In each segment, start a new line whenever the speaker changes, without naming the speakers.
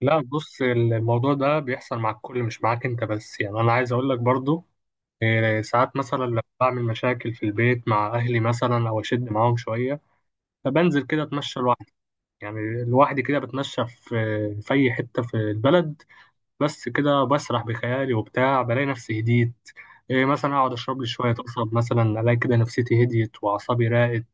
لا بص الموضوع ده بيحصل مع الكل مش معاك انت بس. يعني انا عايز اقول لك برضو إيه، ساعات مثلا لما بعمل مشاكل في البيت مع اهلي مثلا او اشد معاهم شويه، فبنزل كده اتمشى لوحدي، يعني لوحدي كده بتمشى في اي حته في البلد، بس كده بسرح بخيالي وبتاع، بلاقي نفسي هديت. إيه، مثلا اقعد اشرب لي شويه قصب مثلا، الاقي كده نفسيتي هديت واعصابي راقت.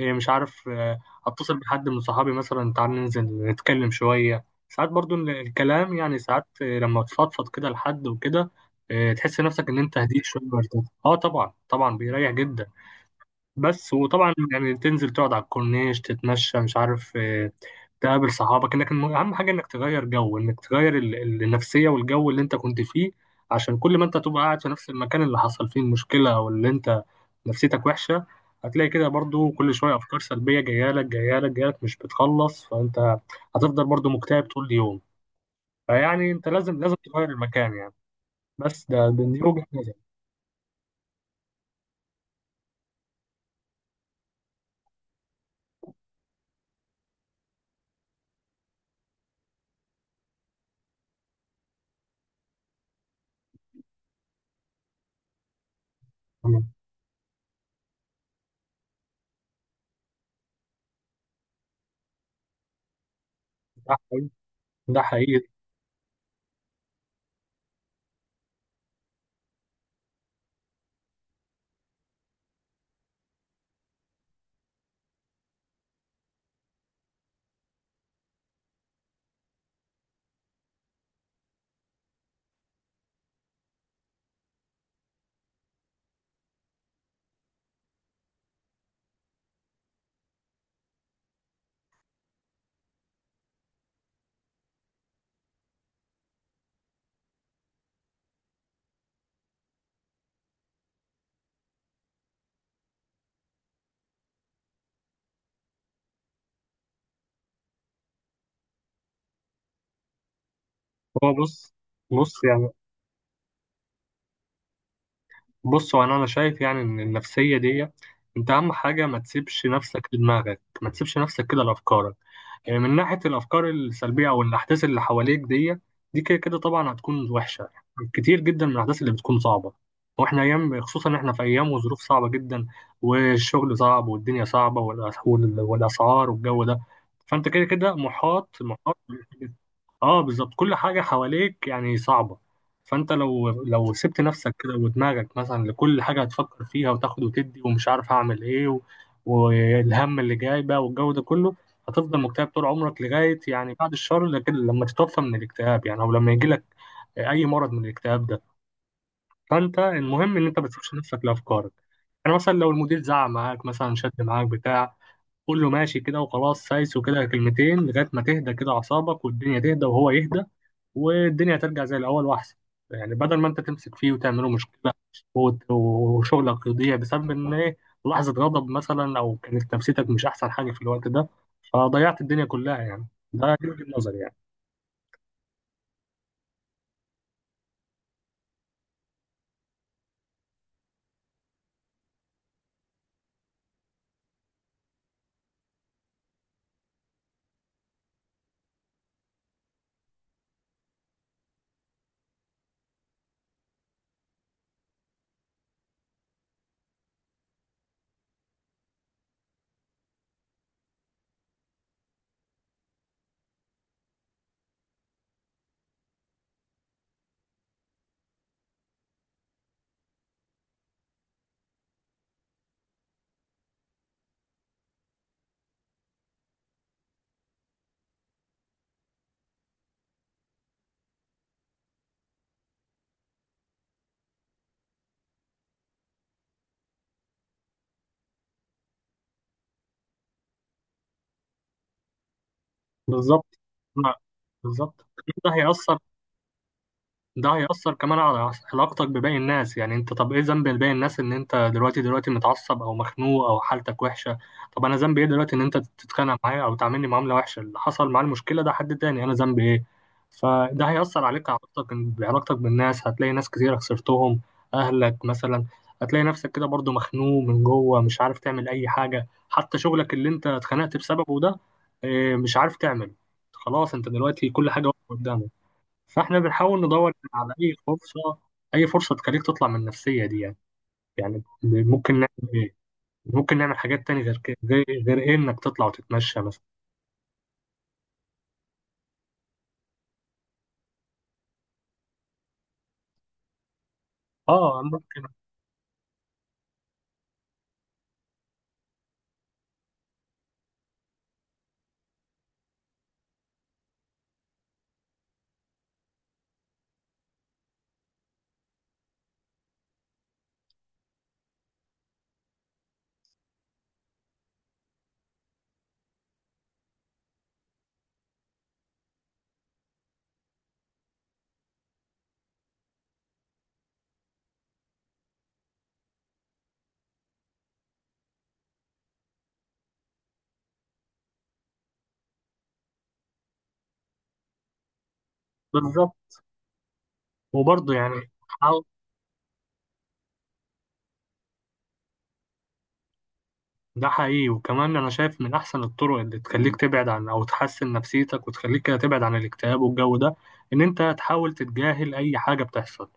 إيه مش عارف اتصل بحد من صحابي مثلا تعال ننزل نتكلم شوية، ساعات برضو الكلام يعني، ساعات آه، لما تفضفض كده لحد وكده، آه، تحس نفسك ان انت هديت شوية وارتحت. اه طبعا طبعا بيريح جدا. بس وطبعا يعني تنزل تقعد على الكورنيش تتمشى مش عارف آه، تقابل صحابك، اهم حاجه انك تغير جو، انك تغير النفسيه والجو اللي انت كنت فيه. عشان كل ما انت تبقى قاعد في نفس المكان اللي حصل فيه المشكله او اللي انت نفسيتك وحشه، هتلاقي كده برضو كل شويه افكار سلبيه جايه لك مش بتخلص، فانت هتفضل برضو مكتئب طول اليوم. فيعني انت لازم تغير المكان يعني. بس ده دي وجهه نظري. تمام. ده حقيقي، ده حقيقي. هو بص بص يعني بص هو أنا شايف يعني ان النفسيه دي، انت اهم حاجه ما تسيبش نفسك لدماغك، ما تسيبش نفسك كده لافكارك، يعني من ناحيه الافكار السلبيه او الاحداث اللي حواليك دي، دي كده كده طبعا هتكون وحشه. كتير جدا من الاحداث اللي بتكون صعبه، واحنا ايام، خصوصا احنا في ايام وظروف صعبه جدا، والشغل صعب والدنيا صعبه والاسعار والجو ده، فانت كده كده محاط. اه بالظبط، كل حاجة حواليك يعني صعبة. فانت لو سبت نفسك كده ودماغك مثلا لكل حاجة هتفكر فيها وتاخد وتدي ومش عارف هعمل ايه و... والهم اللي جاي بقى والجو ده كله، هتفضل مكتئب طول عمرك لغاية، يعني بعد الشر، لكن لما تتوفى من الاكتئاب يعني، او لما يجيلك اي مرض من الاكتئاب ده. فانت المهم ان انت ما تسيبش نفسك لافكارك. يعني مثلا لو المدير زعق معاك مثلا، شد معاك بتاع، قول له ماشي كده وخلاص سايس وكده كلمتين لغاية ما تهدى كده اعصابك والدنيا تهدى وهو يهدى، والدنيا ترجع زي الأول وأحسن. يعني بدل ما أنت تمسك فيه وتعمله مشكلة وشغلك يضيع بسبب إن إيه، لحظة غضب مثلا أو كانت نفسيتك مش أحسن حاجة في الوقت ده، فضيعت الدنيا كلها يعني. دي وجهة نظري يعني. بالظبط. لا، بالظبط. ده هيأثر، ده هيأثر كمان على علاقتك بباقي الناس. يعني انت، طب ايه ذنب باقي الناس ان انت دلوقتي متعصب او مخنوق او حالتك وحشة؟ طب انا ذنبي ايه دلوقتي ان انت تتخانق معايا او تعاملني معاملة وحشة؟ اللي حصل معاه المشكلة ده حد تاني، انا ذنبي ايه؟ فده هيأثر عليك، علاقتك بعلاقتك بالناس، هتلاقي ناس كتير خسرتهم، اهلك مثلا. هتلاقي نفسك كده برضو مخنوق من جوه، مش عارف تعمل اي حاجة، حتى شغلك اللي انت اتخانقت بسببه ده اه، مش عارف تعمل. خلاص انت دلوقتي كل حاجة واقفة قدامك. فاحنا بنحاول ندور على اي فرصه، اي فرصه تخليك تطلع من النفسيه دي يعني. يعني ممكن نعمل ايه، ممكن نعمل حاجات تانية غير كده، غير غير إيه، انك تطلع وتتمشى مثلا، اه ممكن. بالظبط، وبرضه يعني حاول. ده حقيقي، وكمان انا شايف من احسن الطرق اللي تخليك تبعد عن او تحسن نفسيتك وتخليك كده تبعد عن الاكتئاب والجو ده، ان انت تحاول تتجاهل اي حاجه بتحصل.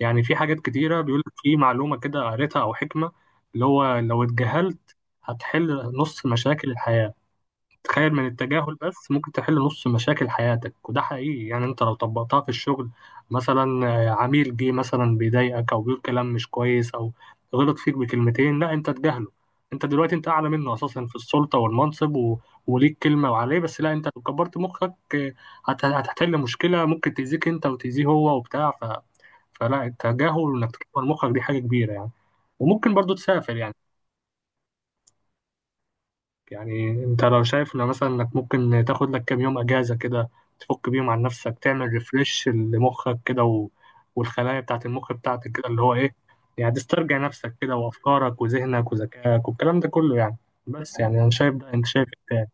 يعني في حاجات كتيره بيقول لك، في معلومه كده قريتها او حكمه، اللي هو لو اتجاهلت هتحل نص مشاكل الحياه. تخيل، من التجاهل بس ممكن تحل نص مشاكل حياتك، وده حقيقي يعني. انت لو طبقتها في الشغل مثلا، آه، عميل جه مثلا بيضايقك او بيقول كلام مش كويس او غلط فيك بكلمتين، لا انت تجاهله. انت دلوقتي انت اعلى منه اساسا في السلطه والمنصب و... وليك كلمه وعليه، بس لا، انت لو كبرت مخك آه، هت... هتحل مشكله ممكن تاذيك انت وتاذيه هو وبتاع ف... فلا، التجاهل وانك تكبر مخك دي حاجه كبيره يعني. وممكن برضو تسافر يعني. يعني انت لو شايف، لو مثلا انك ممكن تاخد لك كام يوم اجازة كده، تفك بيهم عن نفسك، تعمل ريفرش لمخك كده و... والخلايا بتاعت المخ بتاعتك كده، اللي هو ايه، يعني تسترجع نفسك كده وافكارك وذهنك وذكائك والكلام ده كله يعني. بس يعني انا شايف ده، انت شايف إيه تاني؟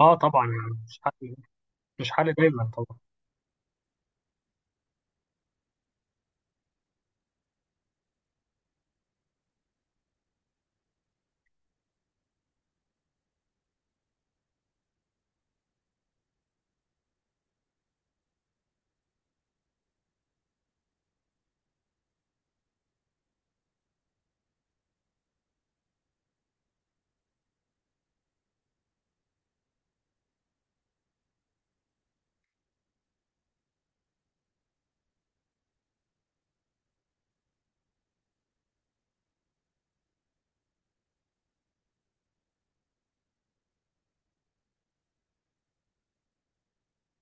اه طبعا يعني مش حل، مش حل دايما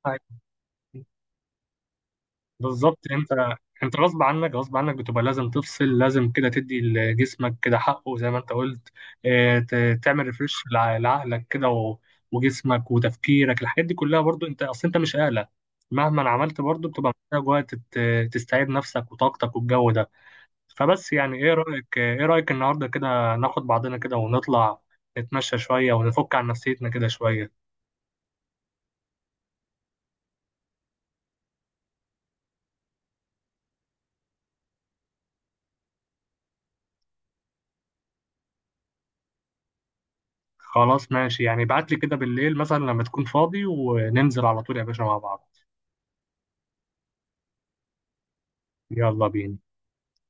طبعا. بالظبط. انت، انت غصب عنك بتبقى لازم تفصل، لازم كده تدي لجسمك كده حقه زي ما انت قلت. اه، تعمل ريفرش لعقلك كده و- وجسمك وتفكيرك، الحاجات دي كلها برضو، انت اصل انت مش آلة. مهما عملت برضو بتبقى محتاج وقت تستعيد نفسك وطاقتك والجو ده. فبس يعني، ايه رأيك النهارده كده ناخد بعضنا كده ونطلع نتمشى شوية ونفك عن نفسيتنا كده شوية؟ خلاص ماشي يعني، ابعت لي كده بالليل مثلا لما تكون فاضي وننزل على طول يا باشا مع بعض. يلا بينا.